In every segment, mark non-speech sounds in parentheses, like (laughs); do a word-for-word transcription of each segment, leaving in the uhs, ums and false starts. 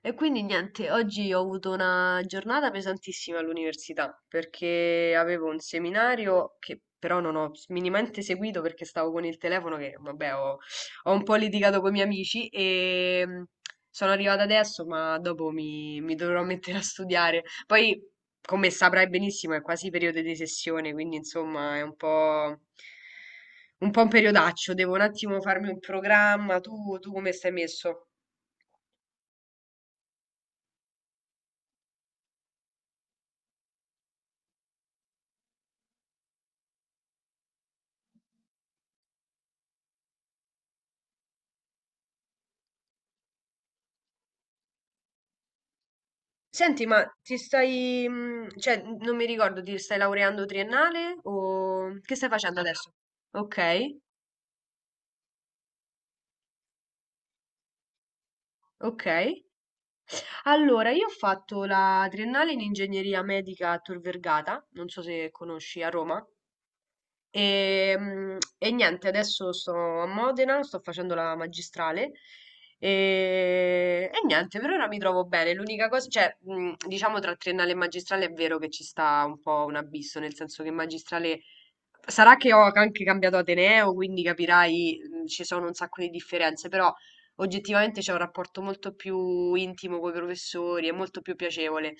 E quindi niente, oggi ho avuto una giornata pesantissima all'università perché avevo un seminario che però non ho s- minimamente seguito perché stavo con il telefono che vabbè ho, ho un po' litigato con i miei amici e mm, sono arrivata adesso ma dopo mi, mi dovrò mettere a studiare. Poi come saprai benissimo è quasi periodo di sessione quindi insomma è un po'... Un po' un periodaccio, devo un attimo farmi un programma. Tu, tu come stai messo? Senti, ma ti stai, mhmm, cioè, n non mi ricordo, ti stai laureando triennale o che stai facendo adesso? Okay, okay. Allora, io ho fatto la triennale in ingegneria medica a Tor Vergata, non so se conosci, a Roma. Ehm, e niente, adesso sto a Modena, sto facendo la magistrale e, e niente, per ora mi trovo bene. L'unica cosa, cioè, mhmm, diciamo tra triennale e magistrale è vero che ci sta un po' un abisso, nel senso che magistrale. Sarà che ho anche cambiato ateneo, quindi capirai, mhmm, ci sono un sacco di differenze, però oggettivamente c'è un rapporto molto più intimo coi professori, è molto più piacevole.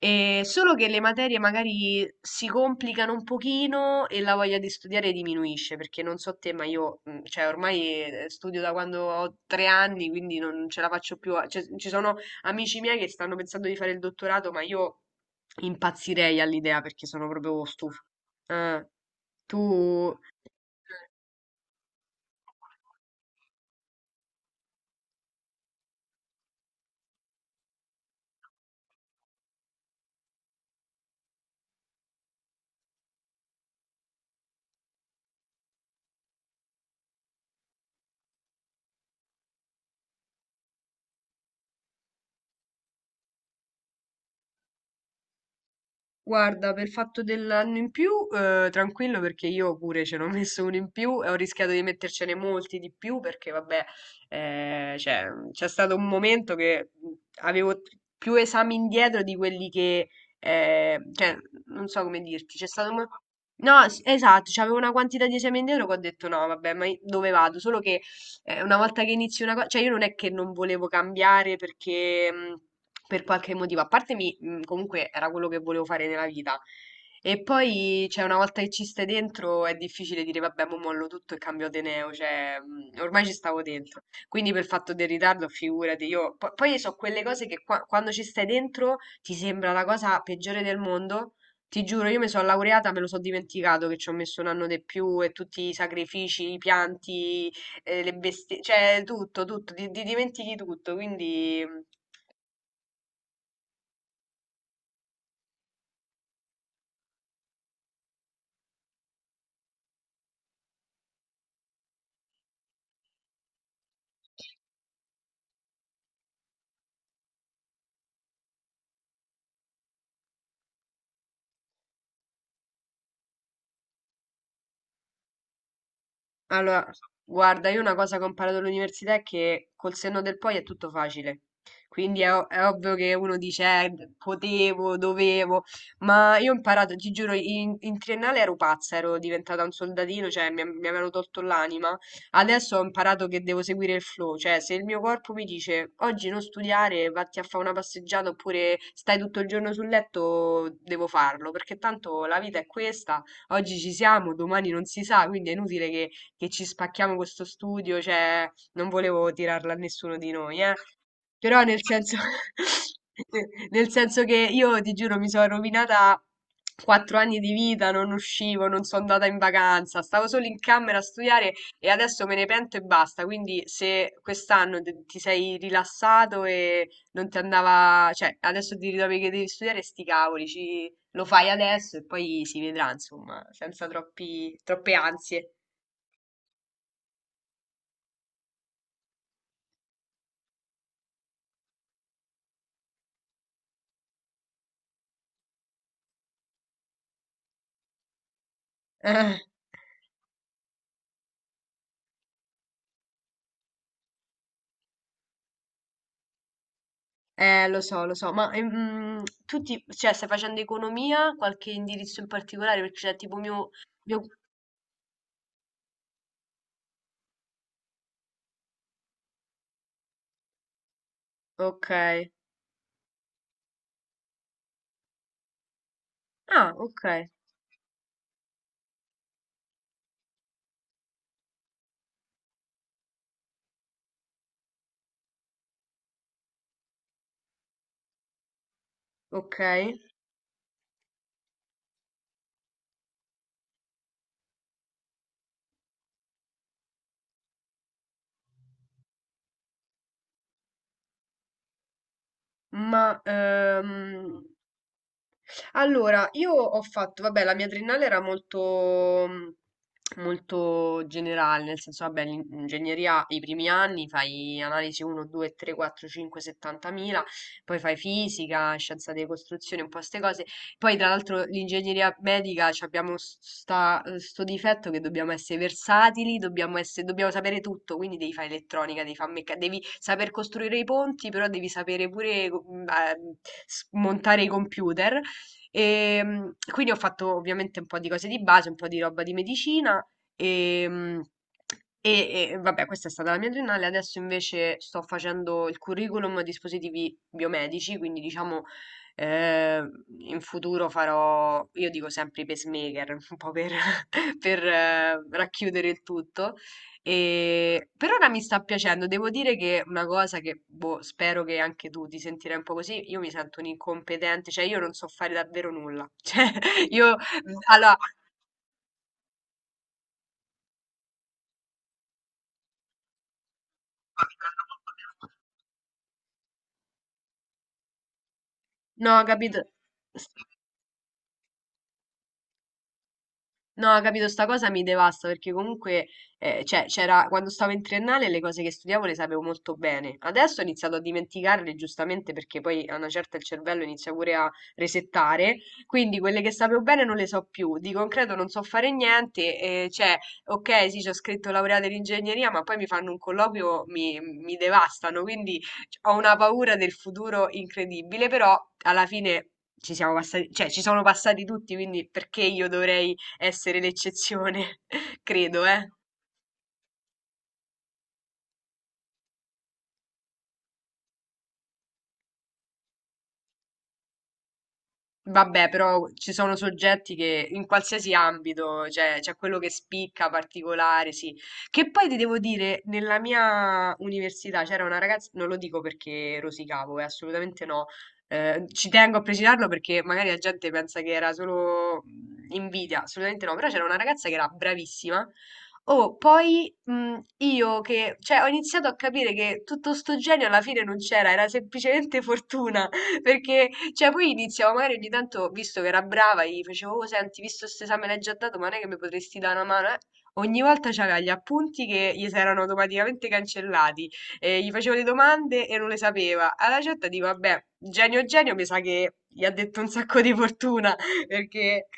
Ehm, solo che le materie magari si complicano un pochino e la voglia di studiare diminuisce, perché non so te, ma io, mhmm, cioè ormai, ehm, studio da quando ho tre anni, quindi non ce la faccio più a cioè ci sono amici miei che stanno pensando di fare il dottorato, ma io impazzirei all'idea perché sono proprio stufa. Eh. Tu Guarda, per il fatto dell'anno in più, eh, tranquillo perché io pure ce n'ho (laughs) messo uno in più e ho rischiato di mettercene molti di più perché, vabbè, eh, cioè, c'è stato un momento che avevo più esami indietro di quelli che, eh, cioè, non so come dirti, c'è stato un... mo- No, s- esatto, c'avevo una quantità di esami indietro che ho detto no, vabbè, ma i- dove vado? Solo che eh, una volta che inizi una cosa, cioè io non è che non volevo cambiare perché mh, per qualche motivo, a parte mi, mh, comunque era quello che volevo fare nella vita. E poi, cioè, una volta che ci stai dentro è difficile dire, vabbè, mo mollo tutto e cambio ateneo, cioè, mh, ormai ci stavo dentro. Quindi per fatto del ritardo, figurati, io... po- poi so quelle cose che qua- quando ci stai dentro ti sembra la cosa peggiore del mondo. Ti giuro, io mi sono laureata, me lo so dimenticato che ci ho messo un anno di più e tutti i sacrifici, i pianti, eh, le bestie, cioè tutto, tutto, ti, ti dimentichi tutto, quindi. mm, Allora, guarda, io una cosa che ho imparato all'università è che col senno del poi è tutto facile. Quindi è, o- è ovvio che uno dice, eh, potevo, dovevo, ma io ho imparato, ti giuro, in, in triennale ero pazza, ero diventata un soldatino, cioè mi, mi avevano tolto l'anima. Adesso ho imparato che devo seguire il flow, cioè se il mio corpo mi dice oggi non studiare, vatti a fare una passeggiata oppure stai tutto il giorno sul letto, devo farlo, perché tanto la vita è questa, oggi ci siamo, domani non si sa, quindi è inutile che che ci spacchiamo questo studio, cioè non volevo tirarla a nessuno di noi, eh. Però nel senso, (laughs) nel senso che io ti giuro mi sono rovinata quattro anni di vita, non uscivo, non sono andata in vacanza, stavo solo in camera a studiare e adesso me ne pento e basta. Quindi se quest'anno te- ti sei rilassato e non ti andava, cioè adesso ti ritrovi che devi studiare, sti cavoli, ci- lo fai adesso e poi si vedrà, insomma, senza troppi, troppe ansie. (laughs) Eh, lo so, lo so, ma ehm, tu ti, cioè, stai facendo economia, qualche indirizzo in particolare? Perché c'è tipo mio, mio... Ok, ah, ok, ok, ma ehm, allora, io ho fatto, vabbè, la mia triennale era molto, mm, molto generale, nel senso, vabbè, l'ingegneria, i primi anni fai analisi uno, due, tre, quattro, cinque, settantamila, poi fai fisica, scienza delle costruzioni, un po' queste cose. Poi, tra l'altro, l'ingegneria medica ci abbiamo s- sta, eh, sto difetto che dobbiamo essere versatili, dobbiamo, esse- dobbiamo sapere tutto, quindi devi fare elettronica, devi, fare mecca- devi saper costruire i ponti, però devi sapere pure mm, eh, s- montare i computer. E, mm, quindi ho fatto ovviamente un po' di cose di base, un po' di roba di medicina e, mm, e- e, vabbè, questa è stata la mia triennale. Adesso invece sto facendo il curriculum a dispositivi biomedici, quindi diciamo Ehm, in futuro farò, io dico sempre i pacemaker, (laughs) un po' per, (laughs) per, eh, racchiudere il tutto. E per ora mi sta piacendo, devo dire che una cosa che boh, spero che anche tu ti sentirai un po' così, io mi sento un incompetente, cioè io non so fare davvero nulla. (laughs) Cioè, io mhmm, allora. No, capito. No, capito, sta cosa mi devasta perché comunque, eh, cioè, c'era, quando stavo in triennale le cose che studiavo le sapevo molto bene. Adesso ho iniziato a dimenticarle giustamente perché poi a una certa il cervello inizia pure a resettare, quindi quelle che sapevo bene non le so più. Di concreto non so fare niente, eh, cioè, ok, sì, ci ho scritto laureata in ingegneria, ma poi mi fanno un colloquio, mi, mi devastano, quindi cioè, ho una paura del futuro incredibile, però alla fine... Ci siamo passati, cioè ci sono passati tutti, quindi perché io dovrei essere l'eccezione, (laughs) credo, eh. Vabbè, però ci sono soggetti che in qualsiasi ambito, cioè c'è quello che spicca particolare, sì. Che poi ti devo dire, nella mia università c'era una ragazza, non lo dico perché rosicavo, eh, assolutamente no. eh, ci tengo a precisarlo perché magari la gente pensa che era solo mhmm, invidia, assolutamente no, però c'era una ragazza che era bravissima. Oh, poi mh, io che, cioè, ho iniziato a capire che tutto sto genio alla fine non c'era, era semplicemente fortuna. (laughs) Perché, cioè, poi iniziavo magari ogni tanto, visto che era brava, gli facevo, oh, senti, visto questo esame l'hai già dato, ma non è che mi potresti dare una mano, eh? Ogni volta c'aveva gli appunti che gli si erano automaticamente cancellati, e gli facevo le domande e non le sapeva. Alla certa dico, vabbè, genio genio, mi sa che gli ha detto un sacco di fortuna, (laughs) perché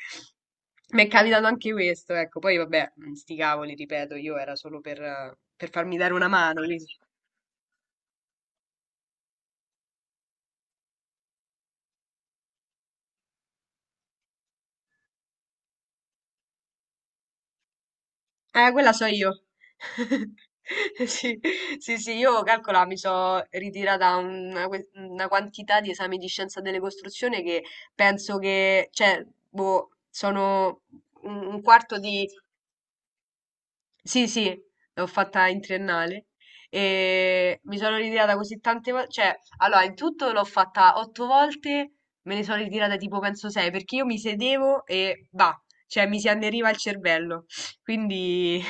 mi è capitato anche questo, ecco. Poi, vabbè, sti cavoli, ripeto, io era solo per, eh, per farmi dare una mano, quindi... Eh, quella so io. (laughs) Sì, sì, sì, io calcola, mi sono ritirata una, que- una quantità di esami di scienza delle costruzioni che penso che, cioè, boh, sono un un quarto di, sì, sì, l'ho fatta in triennale e mi sono ritirata così tante volte, cioè, allora, in tutto l'ho fatta otto volte, me ne sono ritirata tipo penso sei, perché io mi sedevo e va, cioè mi si anneriva il cervello, quindi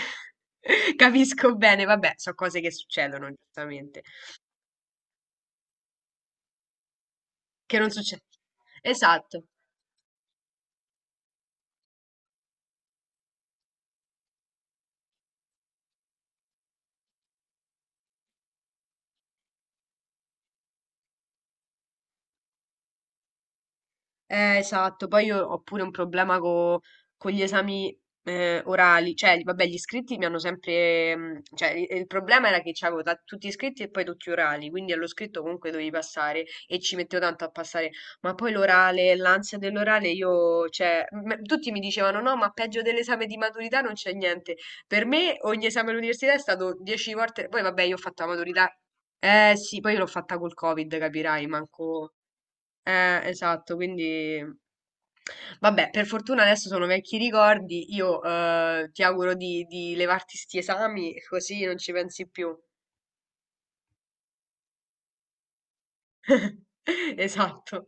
(laughs) capisco bene, vabbè, sono cose che succedono, giustamente, che non succedono. Esatto. Eh, esatto, poi io ho pure un problema co- con gli esami eh, orali, cioè vabbè gli iscritti mi hanno sempre, mm, cioè il, il problema era che c'avevo ta- tutti iscritti e poi tutti orali, quindi allo scritto comunque dovevi passare e ci mettevo tanto a passare, ma poi l'orale, l'ansia dell'orale io, cioè m- tutti mi dicevano no ma peggio dell'esame di maturità non c'è niente, per me ogni esame all'università è stato dieci volte, poi vabbè io ho fatto la maturità, eh sì, poi l'ho fatta col Covid, capirai, manco... Eh, esatto, quindi. Vabbè, per fortuna adesso sono vecchi ricordi, io eh, ti auguro di, di levarti sti esami così non ci pensi più. (laughs) Esatto.